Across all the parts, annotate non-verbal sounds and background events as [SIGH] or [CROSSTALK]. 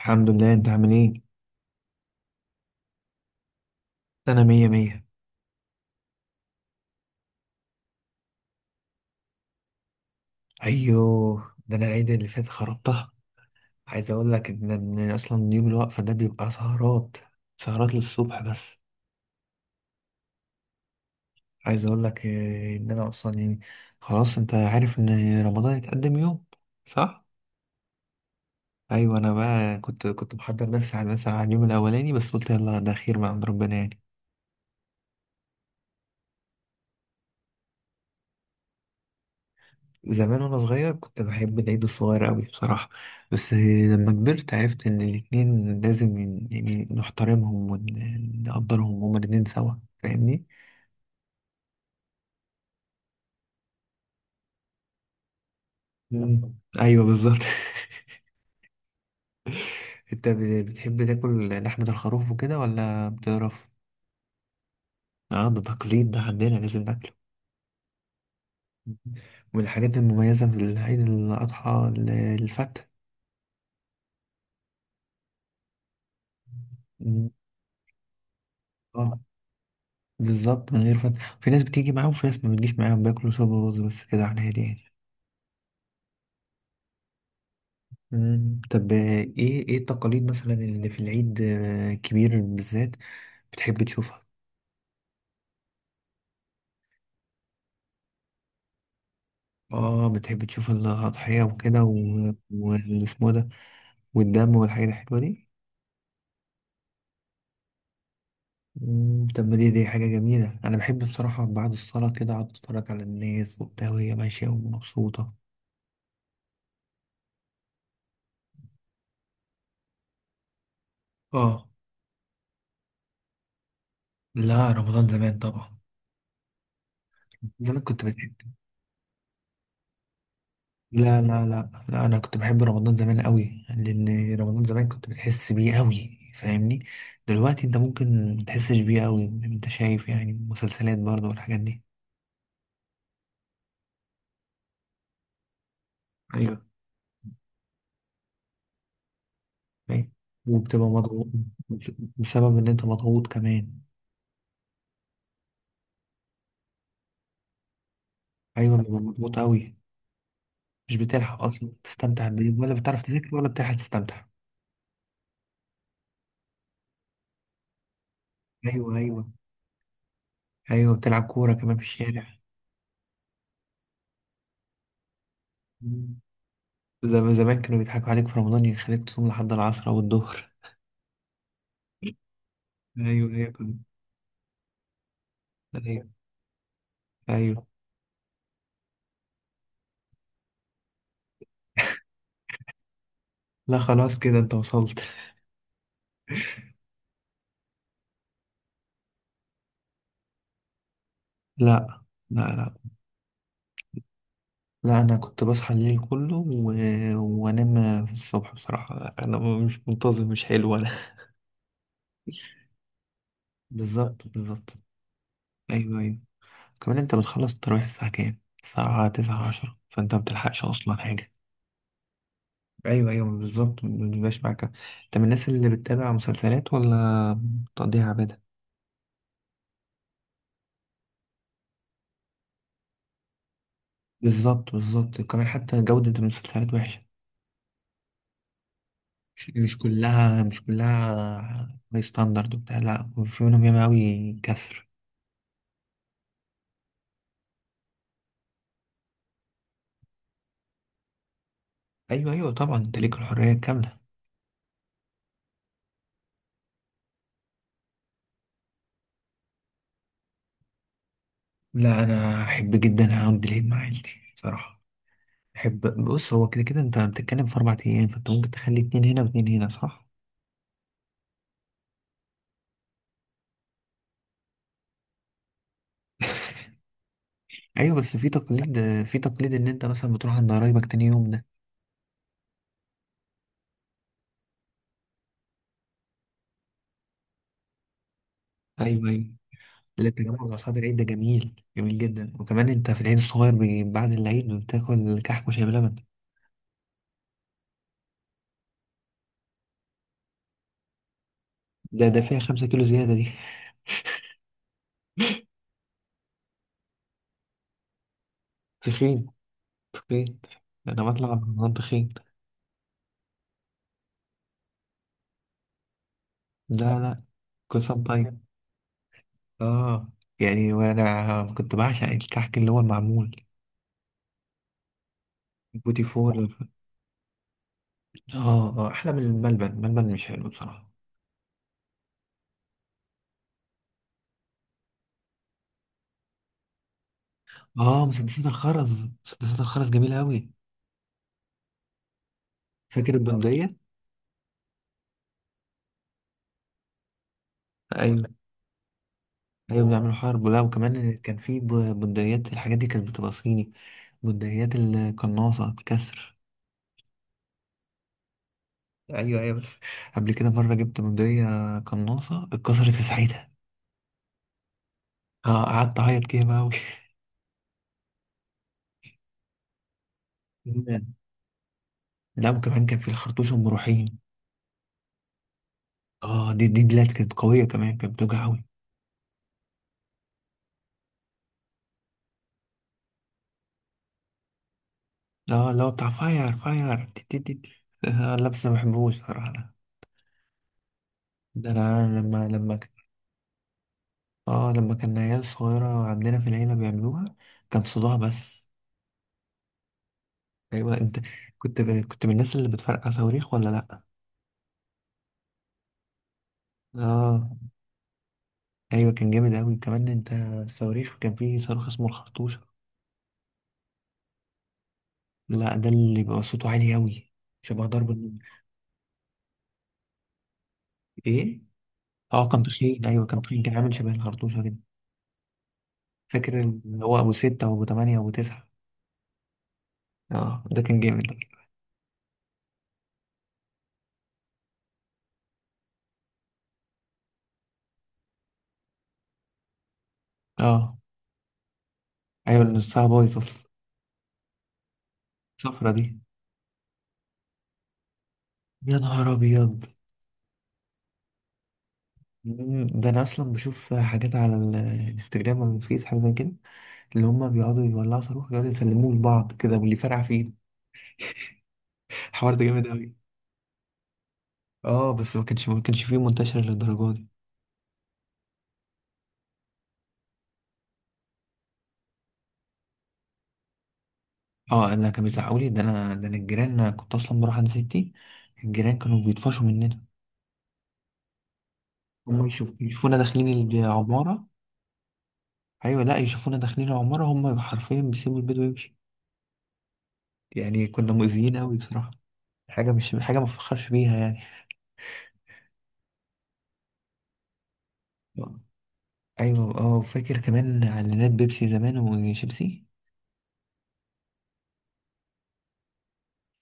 الحمد لله، انت عامل ايه؟ انا مية مية. ايوه، ده انا العيد اللي فات خربتها. عايز اقول لك إن اصلا يوم الوقفة ده بيبقى سهرات سهرات للصبح بس. عايز اقول لك ان انا اصلا يعني خلاص، انت عارف ان رمضان يتقدم يوم، صح؟ ايوه، انا بقى كنت محضر نفسي مثلا على اليوم الاولاني، بس قلت يلا ده خير من عند ربنا يعني. زمان وانا صغير كنت بحب العيد الصغير قوي بصراحة، بس لما كبرت عرفت ان الاتنين لازم يعني نحترمهم ونقدرهم هما الاتنين سوا، فاهمني. مم. ايوه بالظبط. [LAUGHS] انت بتحب تاكل لحمة الخروف وكده ولا بتقرف؟ اه، ده تقليد ده عندنا، لازم ناكله. من الحاجات المميزة في العيد الأضحى الفتة. مم. اه بالظبط، من غير فتة. في ناس بتيجي معاهم وفي ناس ما بتجيش معاهم، بياكلوا صوب ورز بس، كده على الهادي يعني. مم. طب ايه التقاليد مثلا اللي في العيد كبير بالذات بتحب تشوفها؟ اه، بتحب تشوف الأضحية وكده والاسمه ده، والدم والحاجات الحلوة دي. مم. طب ما دي حاجة جميلة، أنا بحب بصراحة بعد الصلاة كده أقعد أتفرج على الناس وبتاع، وهي ماشية ومبسوطة. اه، لا رمضان زمان طبعا. زمان كنت بتحب. لا لا لا لا، انا كنت بحب رمضان زمان قوي، لان رمضان زمان كنت بتحس بيه قوي، فاهمني؟ دلوقتي انت ممكن متحسش بيه قوي، انت شايف يعني مسلسلات برضه والحاجات دي. ايوه، فاهم؟ وبتبقى مضغوط بسبب ان انت مضغوط كمان. ايوه بتبقى مضغوط قوي، مش بتلحق اصلا تستمتع بيه، ولا بتعرف تذاكر ولا بتلحق تستمتع. ايوه ايوه. ايوه، بتلعب كوره كمان في الشارع. مم. زمان كانوا بيضحكوا عليك في رمضان، يخليك تصوم لحد العصر او الظهر. ايوه ايوه كنت- ايوه ايوه. لا خلاص كده انت وصلت. لا لا لا لا، انا كنت بصحى الليل كله وانام في الصبح، بصراحه انا مش منتظم، مش حلو انا. بالظبط بالظبط. ايوه ايوه، كمان انت بتخلص التراويح الساعه كام؟ الساعه 9 10، فانت ما بتلحقش اصلا حاجه. ايوه ايوه بالظبط، ما بيبقاش معاك. انت من الناس اللي بتتابع مسلسلات ولا بتقضيها عباده؟ بالظبط بالظبط، كمان حتى جوده المسلسلات وحشه. مش كلها هاي ستاندرد وبتاع، لا، وفي منهم ياما أوي كسر. أيوه أيوه طبعا، أنت ليك الحرية الكاملة. لا، أنا أحب جدا أقضي العيد مع عيلتي بصراحة. أحب. بص، هو كده كده أنت بتتكلم في 4 أيام، فأنت ممكن تخلي اتنين هنا واتنين هنا، صح؟ [LAUGHS] أيوه، بس في تقليد، إن أنت مثلا بتروح عند قرايبك تاني يوم ده. أيوه أيوه. اللي التجمع مع أصحاب العيد ده جميل جميل جدا، وكمان أنت في العيد الصغير بعد العيد بتاكل كحك وشاي بلبن. ده فيها 5 كيلو زيادة دي. [LAUGHS] تخين تخين، انا بطلع من رمضان تخين. لا لا، قسم طيب. اه يعني، وانا كنت بعشق الكحك اللي هو المعمول، بوتي فور. اه اه، احلى من الملبن. الملبن مش حلو بصراحه. اه، مسدسات الخرز، مسدسات الخرز جميله قوي. فاكر البندقيه؟ ايوه ايوه، بنعمل حرب، ولا وكمان كان في بندقيات. الحاجات دي كانت بتبقى صيني، بندقيات القناصه الكسر. ايوه ايوه بس، قبل كده مره جبت بندقيه قناصه، اتكسرت في ساعتها. اه قعدت اعيط كده بقى [LAUGHS] لا وكمان كان في الخرطوش ام روحين. اه، دي دلات كانت قويه، كمان كانت بتوجع قوي. اه، اللي هو بتاع فاير فاير، دي. آه لا، بس ما بحبوش صراحه ده. ده انا لما ك- اه لما كان عيال صغيره عندنا في العيله بيعملوها، كان صداع بس. ايوه انت، كنت ب... كنت من الناس اللي بتفرقع صواريخ ولا لا؟ اه ايوه كان جامد قوي، كمان انت الصواريخ، كان فيه صاروخ اسمه الخرطوشه. لا، ده اللي بيبقى صوته عالي قوي، شبه ضرب النار. ايه؟ اه كان تخين، ايوه كان تخين، كان عامل شبه الخرطوشة كده. فاكر اللي هو ابو ستة وابو تمانية وابو تسعة؟ اه، ده كان جامد ده. اه ايوه، اللي نصها بايظ اصلا. الشفرة دي. يا نهار ابيض. ده انا اصلا بشوف حاجات على الانستجرام او الفيس، حاجه زي كده، اللي هم بيقعدوا يولعوا صاروخ، يقعدوا يسلموه لبعض كده، واللي فرقع فيه. [LAUGHS] الحوار ده جامد قوي. اه بس، ما كانش فيه منتشر للدرجه دي. اه، انا كان بيزعقوا لي، ده انا الجيران. أنا كنت اصلا بروح عند ستي، الجيران كانوا بيطفشوا مننا. هم يشوفونا داخلين العمارة. أيوة لأ، يشوفونا داخلين العمارة، هم حرفيا بيسيبوا البيت ويمشي، يعني كنا مؤذيين أوي بصراحة. حاجة، مش حاجة ما بفخرش بيها يعني. أيوة أه، فاكر كمان إعلانات بيبسي زمان وشيبسي؟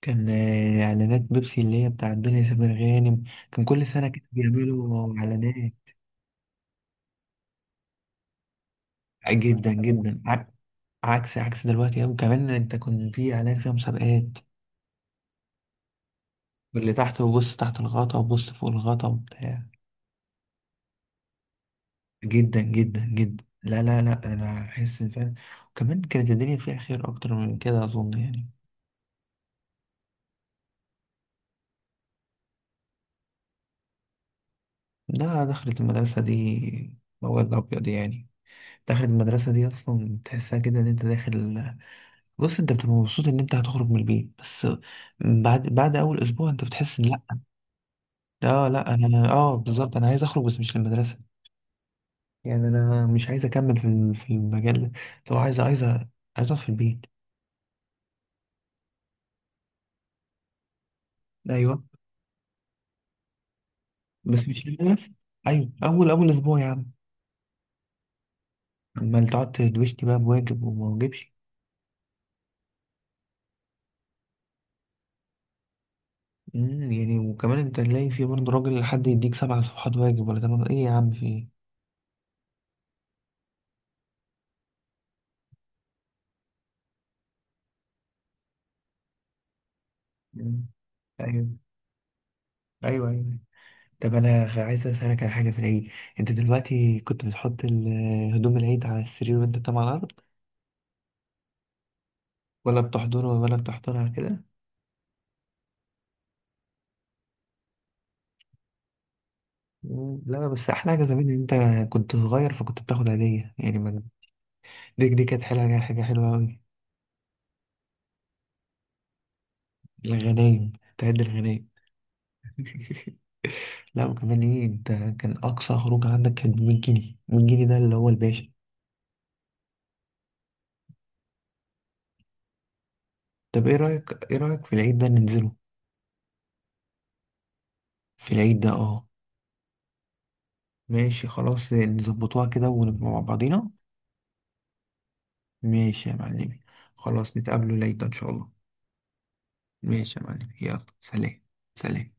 كان إعلانات بيبسي اللي هي بتاعت دنيا سمير غانم، كان كل سنة كانوا بيعملوا إعلانات. جدا جدا، عكس عكس دلوقتي أوي. كمان أنت كنت في إعلان فيها مسابقات، واللي تحت، وبص تحت الغطا وبص فوق الغطا وبتاع. جدا جدا جدا، لا لا لا، انا احس إن فعلا وكمان كانت الدنيا فيها خير اكتر من كده، اظن يعني. ده دخلت المدرسه دي مواد ابيض يعني. دخلت المدرسه دي اصلا تحسها كده ان انت داخل. بص، انت بتبقى مبسوط ان انت هتخرج من البيت بس، بعد اول اسبوع انت بتحس ان لا. اه لا، انا اه بالظبط انا عايز اخرج، بس مش للمدرسه. يعني انا مش عايز اكمل في في المجال ده. لو عايز، عايز اقعد في البيت. ايوه بس مش للمدرسه. ايوه، اول اسبوع يا عم. امال تقعد تدوشني بقى بواجب وما واجبش؟ يعني، وكمان انت تلاقي في برضه راجل حد يديك 7 صفحات واجب، ولا تمام ايه يا عم، في ايه؟ مم. ايوه ايوه ايوه. طب انا عايز اسالك على حاجه في العيد. انت دلوقتي كنت بتحط هدوم العيد على السرير، وانت طبعا على الارض، ولا بتحضرها، كده؟ مم. لا بس احلى حاجه زمان، ان انت كنت صغير فكنت بتاخد هديه، يعني ما- دي كانت حلوه، حاجه حلوه قوي. الغنايم، تعد الغنايم. [LAUGHS] لا وكمان ايه انت، كان اقصى خروج عندك كانت ب 100 جنيه. 100 جنيه ده اللي هو الباشا. طب ايه رايك، في العيد ده ننزله؟ في العيد ده اه. ماشي خلاص، نظبطوها كده ونبقى مع بعضينا. ماشي يا معلمي. خلاص، نتقابلوا العيد ده ان شاء الله. ماشي يا معلمي، يلا سلام. سلام.